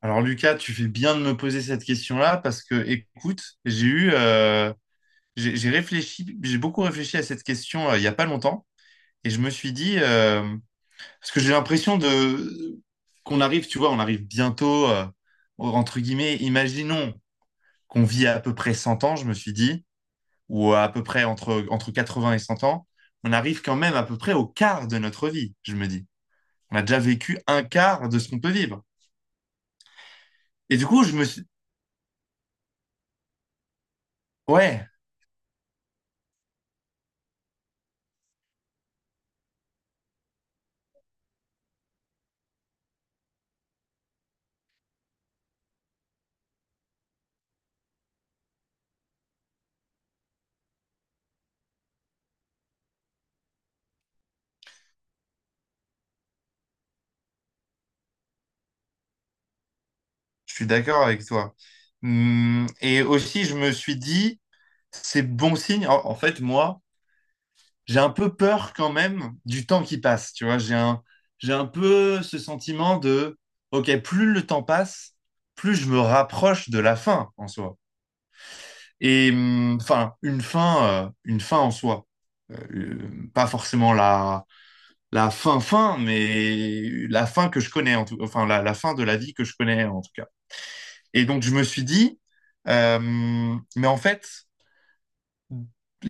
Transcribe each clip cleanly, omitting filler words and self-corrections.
Alors Lucas, tu fais bien de me poser cette question-là parce que, écoute, j'ai réfléchi, j'ai beaucoup réfléchi à cette question il y a pas longtemps et je me suis dit parce que j'ai l'impression de qu'on arrive, tu vois, on arrive bientôt, entre guillemets, imaginons qu'on vit à peu près 100 ans, je me suis dit, ou à peu près entre 80 et 100 ans, on arrive quand même à peu près au quart de notre vie, je me dis. On a déjà vécu un quart de ce qu'on peut vivre. Et du coup, je me suis, ouais. Je suis d'accord avec toi. Et aussi, je me suis dit, c'est bon signe. En fait, moi, j'ai un peu peur quand même du temps qui passe. Tu vois, j'ai un peu ce sentiment de, OK, plus le temps passe, plus je me rapproche de la fin en soi. Et enfin, une une fin en soi. Pas forcément la fin fin, mais la fin que je connais, en enfin, la fin de la vie que je connais en tout cas. Et donc, je me suis dit, mais en fait,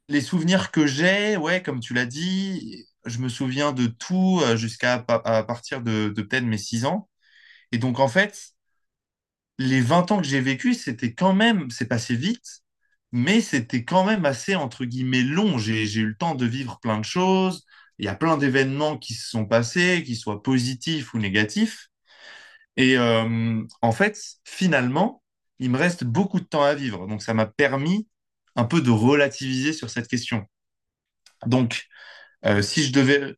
les souvenirs que j'ai, ouais, comme tu l'as dit, je me souviens de tout jusqu'à à partir de peut-être mes 6 ans. Et donc, en fait, les 20 ans que j'ai vécu, c'était quand c'est passé vite, mais c'était quand même assez, entre guillemets, long. J'ai eu le temps de vivre plein de choses. Il y a plein d'événements qui se sont passés, qu'ils soient positifs ou négatifs. Et en fait, finalement, il me reste beaucoup de temps à vivre. Donc, ça m'a permis un peu de relativiser sur cette question. Donc, si je devais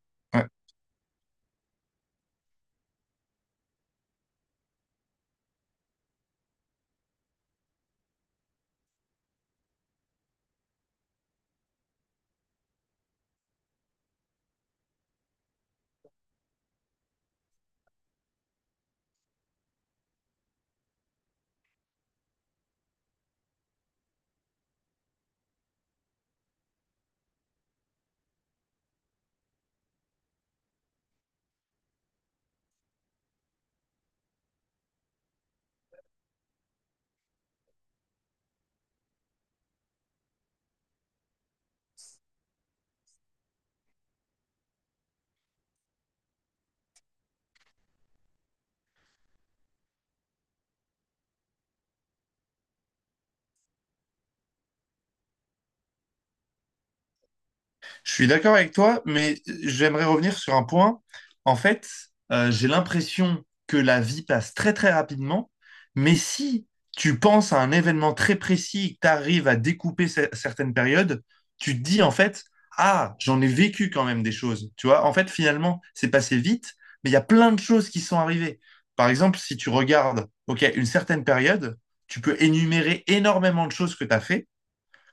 Je suis d'accord avec toi, mais j'aimerais revenir sur un point. En fait, j'ai l'impression que la vie passe très très rapidement, mais si tu penses à un événement très précis, que tu arrives à découper certaines périodes, tu te dis en fait, ah, j'en ai vécu quand même des choses. Tu vois, en fait, finalement, c'est passé vite, mais il y a plein de choses qui sont arrivées. Par exemple, si tu regardes, OK, une certaine période, tu peux énumérer énormément de choses que tu as fait,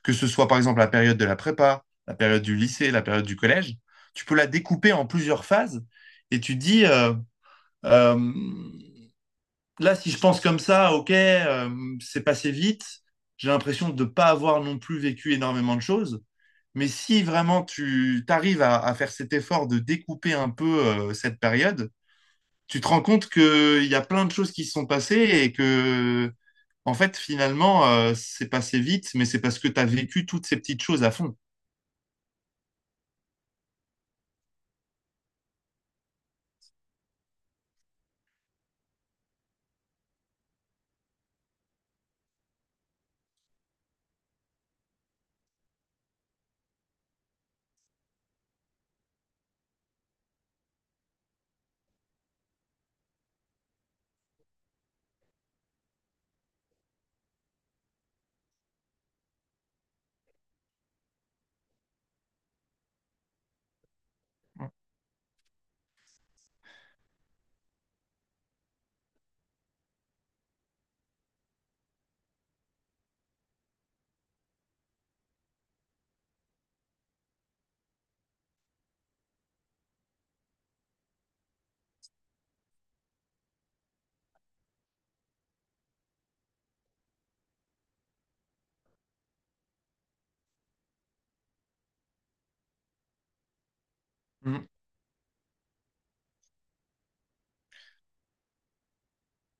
que ce soit par exemple la période de la prépa, la période du lycée, la période du collège. Tu peux la découper en plusieurs phases et tu dis, euh, là, si je pense comme ça, ok, c'est passé vite, j'ai l'impression de ne pas avoir non plus vécu énormément de choses. Mais si vraiment tu arrives à faire cet effort de découper un peu cette période, tu te rends compte qu'il y a plein de choses qui se sont passées et que, en fait, finalement, c'est passé vite, mais c'est parce que tu as vécu toutes ces petites choses à fond. Mm.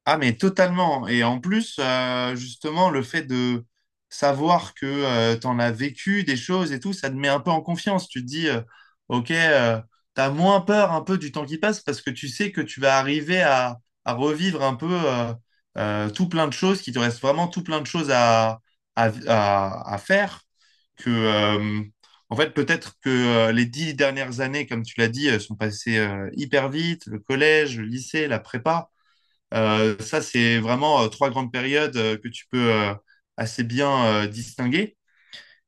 Ah, mais totalement. Et en plus, justement, le fait de savoir que tu as vécu des choses et tout, ça te met un peu en confiance. Tu te dis, OK, t'as moins peur un peu du temps qui passe parce que tu sais que tu vas arriver à revivre un peu tout plein de choses, qu'il te reste vraiment tout plein de choses à faire. Que, euh, En fait, peut-être que les 10 dernières années, comme tu l'as dit, sont passées hyper vite, le collège, le lycée, la prépa. Ça, c'est vraiment trois grandes périodes que tu peux assez bien distinguer.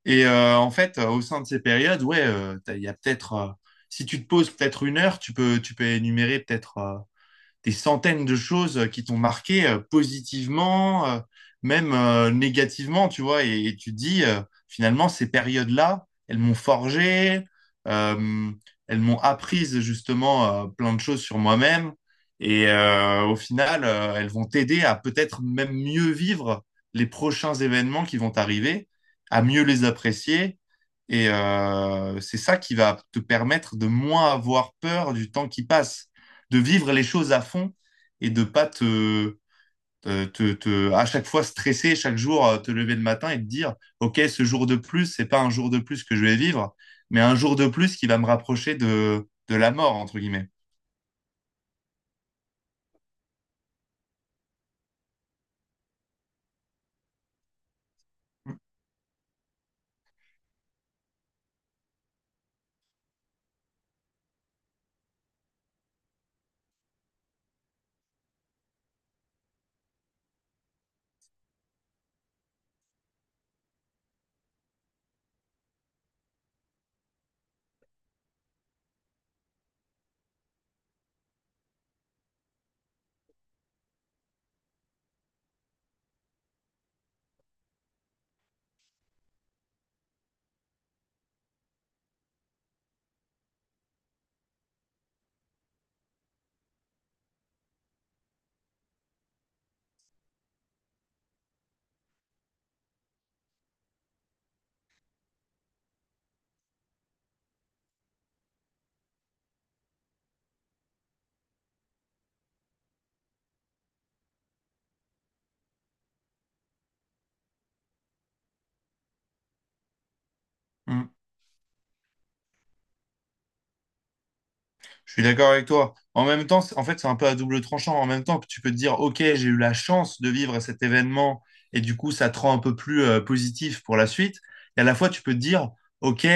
Et en fait, au sein de ces périodes, ouais, il y a peut-être, si tu te poses peut-être une heure, tu peux énumérer peut-être des centaines de choses qui t'ont marqué positivement, même négativement, tu vois, et tu te dis, finalement, ces périodes-là, elles m'ont forgé, euh, elles m'ont apprise justement plein de choses sur moi-même, et au final, elles vont t'aider à peut-être même mieux vivre les prochains événements qui vont t'arriver, à mieux les apprécier. Et c'est ça qui va te permettre de moins avoir peur du temps qui passe, de vivre les choses à fond et de pas à chaque fois stresser, chaque jour te lever le matin et te dire, OK, ce jour de plus, c'est pas un jour de plus que je vais vivre, mais un jour de plus qui va me rapprocher de la mort, entre guillemets. Mm. Je suis d'accord avec toi. En même temps, en fait, c'est un peu à double tranchant. En même temps, tu peux te dire, OK, j'ai eu la chance de vivre cet événement et du coup, ça te rend un peu plus positif pour la suite. Et à la fois, tu peux te dire, OK,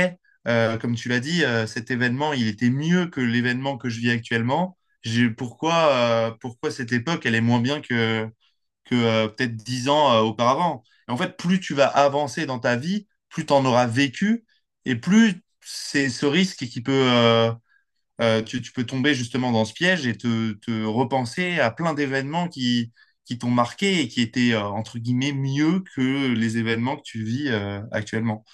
comme tu l'as dit, cet événement, il était mieux que l'événement que je vis actuellement. Pourquoi, pourquoi cette époque, elle est moins bien que peut-être 10 ans auparavant? Et en fait, plus tu vas avancer dans ta vie, plus tu en auras vécu et plus c'est ce risque qui peut... tu peux tomber justement dans ce piège et te repenser à plein d'événements qui t'ont marqué et qui étaient, entre guillemets, mieux que les événements que tu vis actuellement.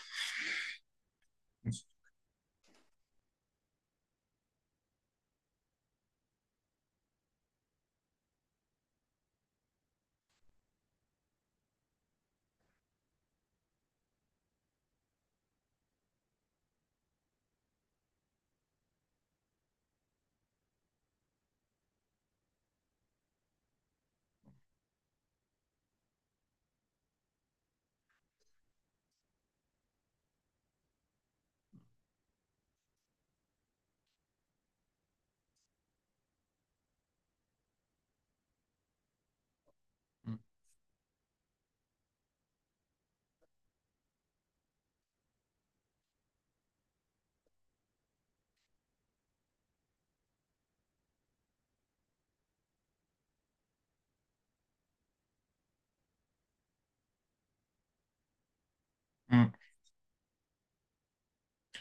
Mm.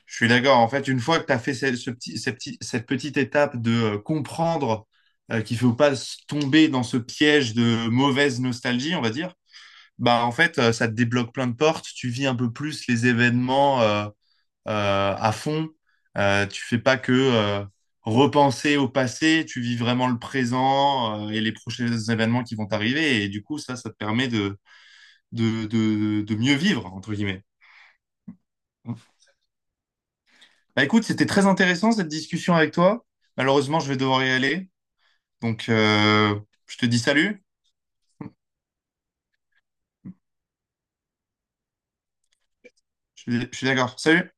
Je suis d'accord. En fait, une fois que tu as fait cette petite étape de comprendre qu'il faut pas tomber dans ce piège de mauvaise nostalgie, on va dire, bah en fait, ça te débloque plein de portes. Tu vis un peu plus les événements, à fond. Tu fais pas que repenser au passé, tu vis vraiment le présent et les prochains événements qui vont t'arriver. Et du coup, ça te permet de mieux vivre, entre guillemets. Bah, écoute, c'était très intéressant cette discussion avec toi. Malheureusement, je vais devoir y aller. Donc, euh, je te dis salut. Je suis d'accord. Salut.